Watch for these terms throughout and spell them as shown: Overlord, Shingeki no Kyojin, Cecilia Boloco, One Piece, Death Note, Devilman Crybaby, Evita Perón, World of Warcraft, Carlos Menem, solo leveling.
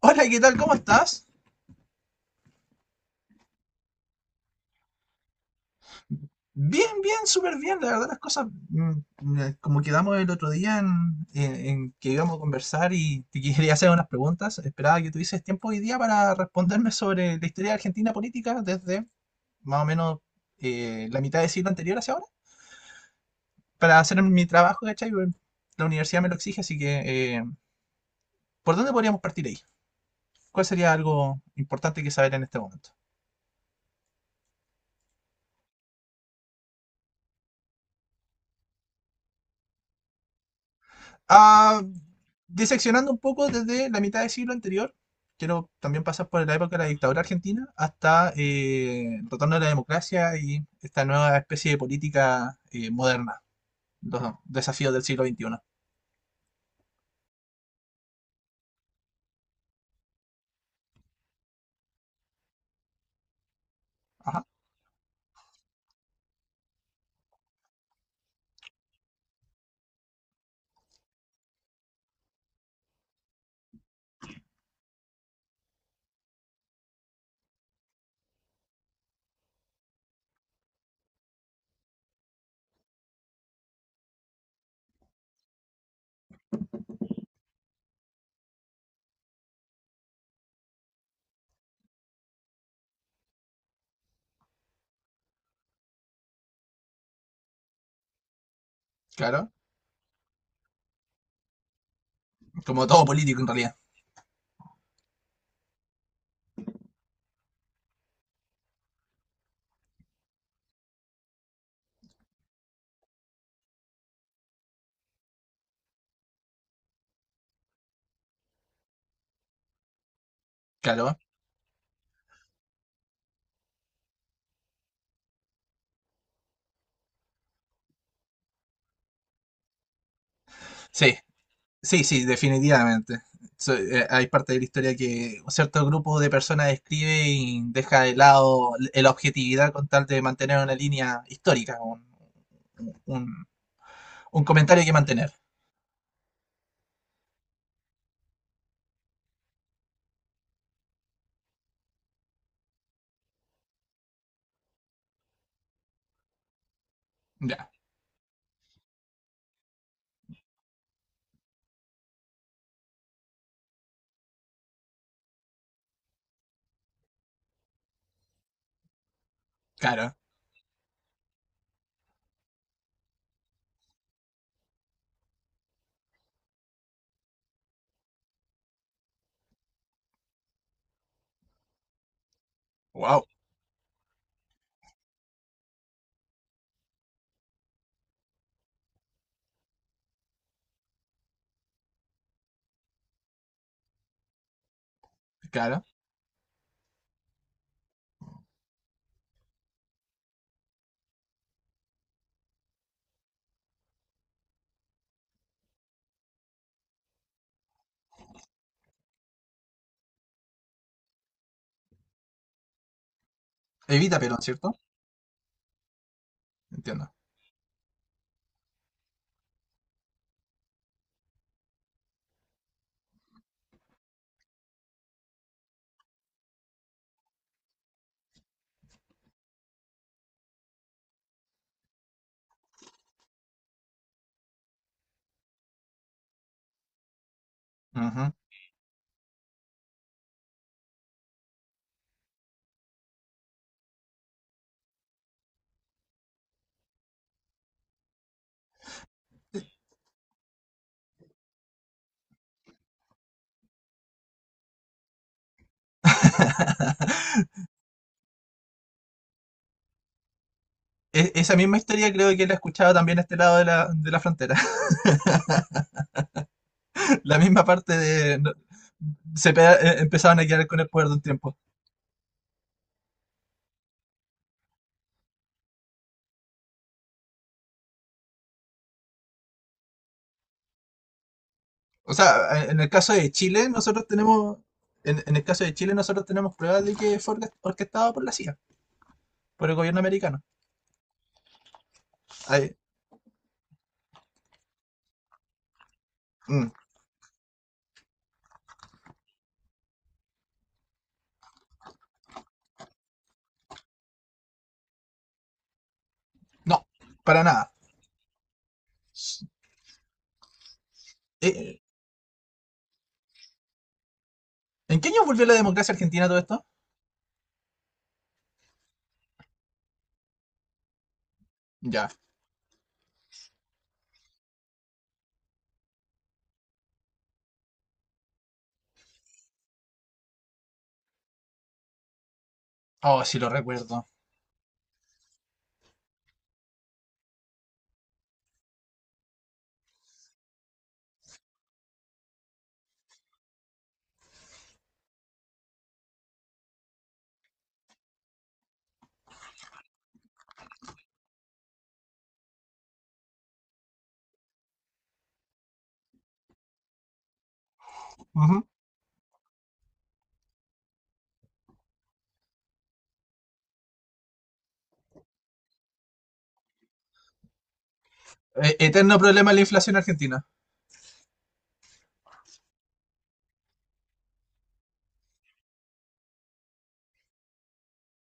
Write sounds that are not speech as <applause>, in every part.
Hola, ¿qué tal? ¿Cómo estás? Bien, bien, súper bien. La verdad, las cosas, como quedamos el otro día en que íbamos a conversar y te <laughs> quería hacer unas preguntas, esperaba que tuvieses tiempo hoy día para responderme sobre la historia de Argentina política desde más o menos la mitad del siglo anterior hacia ahora, para hacer mi trabajo, ¿cachai? Bueno, la universidad me lo exige, así que ¿por dónde podríamos partir ahí? ¿Cuál sería algo importante que saber en este momento? Ah, diseccionando un poco desde la mitad del siglo anterior, quiero también pasar por la época de la dictadura argentina hasta el retorno de la democracia y esta nueva especie de política moderna, los desafíos del siglo XXI. Ajá, claro, como todo político en realidad, claro. Sí, sí, sí, definitivamente. Hay parte de la historia que un cierto grupo de personas escribe y deja de lado la objetividad con tal de mantener una línea histórica, un, un comentario que mantener. Ya, claro. Wow, claro. Evita Perón, ¿cierto? Entiendo. Ujú. <laughs> Esa misma historia creo que la he escuchado también a este lado de la frontera. <laughs> La misma parte de, no- Se empezaban a quedar con el poder de un tiempo. O sea, en el caso de Chile, nosotros tenemos. En el caso de Chile, nosotros tenemos pruebas de que fue orquestado por la CIA, por el gobierno americano. Ay, mm, no, para nada. S- eh, ¿En qué año volvió la democracia argentina todo esto? Ya. Oh, sí lo recuerdo. Ujú. Eterno problema de la inflación argentina.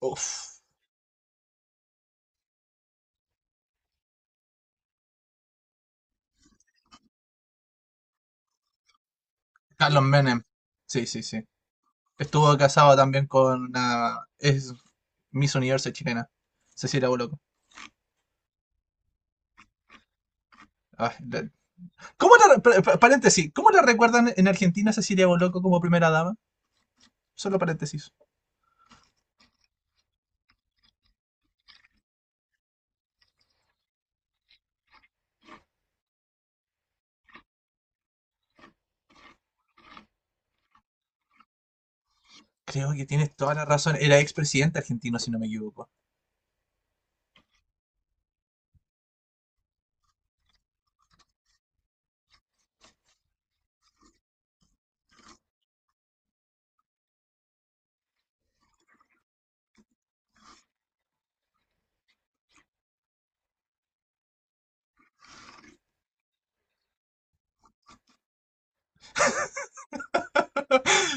Uf. Carlos Menem. Sí, sí, sí. Estuvo casado también con una, es Miss Universo chilena. Cecilia Boloco. Ah, la- ¿Cómo la... re- pa- pa- Paréntesis. ¿Cómo la recuerdan en Argentina a Cecilia Boloco como primera dama? Solo paréntesis. Creo que tienes toda la razón. Era expresidente argentino, si no me equivoco.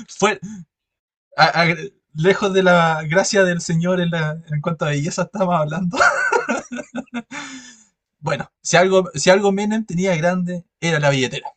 Fue... a- a- Lejos de la gracia del señor en cuanto a belleza estaba hablando. Bueno, si algo, si algo Menem tenía grande, era la billetera.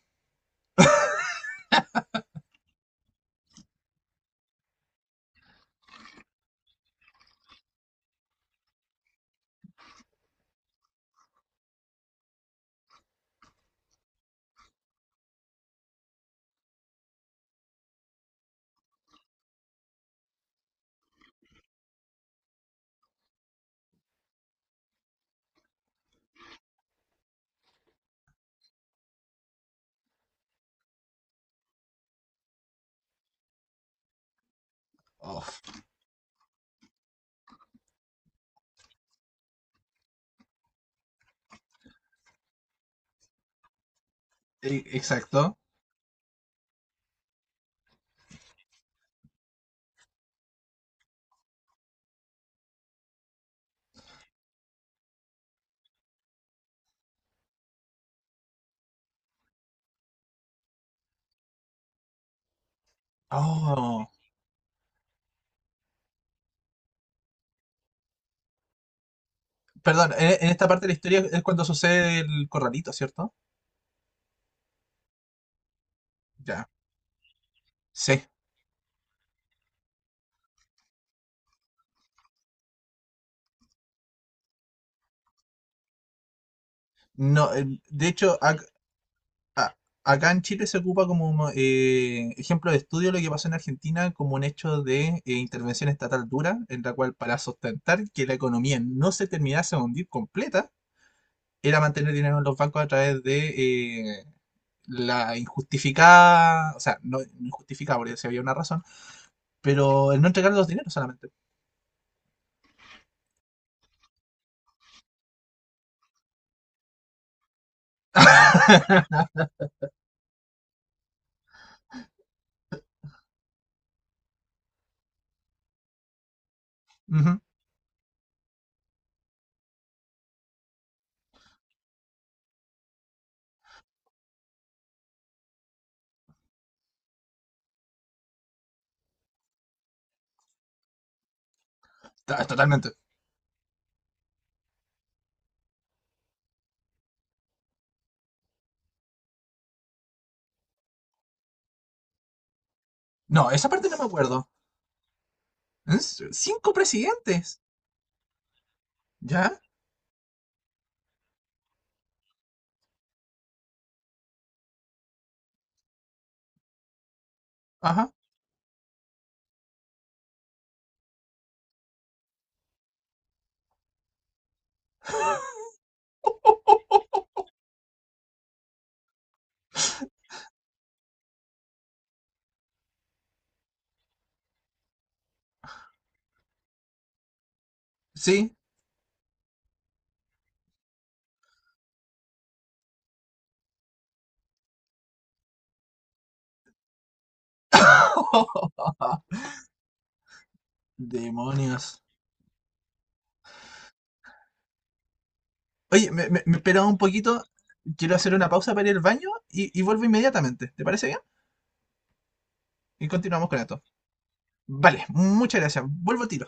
Oh, exacto. Oh, perdón, en esta parte de la historia es cuando sucede el corralito, ¿cierto? Ya. Sí. No, de hecho, a- acá en Chile se ocupa como ejemplo de estudio lo que pasó en Argentina como un hecho de intervención estatal dura, en la cual para sustentar que la economía no se terminase de hundir completa, era mantener dinero en los bancos a través de la injustificada, o sea, no injustificada porque si había una razón, pero el no entregar los dineros solamente. Ujú. Totalmente. No, esa parte no me acuerdo. ¿Es? Cinco presidentes. ¿Ya? Ajá. Sí. <laughs> Demonios. Oye, me esperaba un poquito. Quiero hacer una pausa para ir al baño y vuelvo inmediatamente. ¿Te parece bien? Y continuamos con esto. Vale, muchas gracias. Vuelvo al tiro.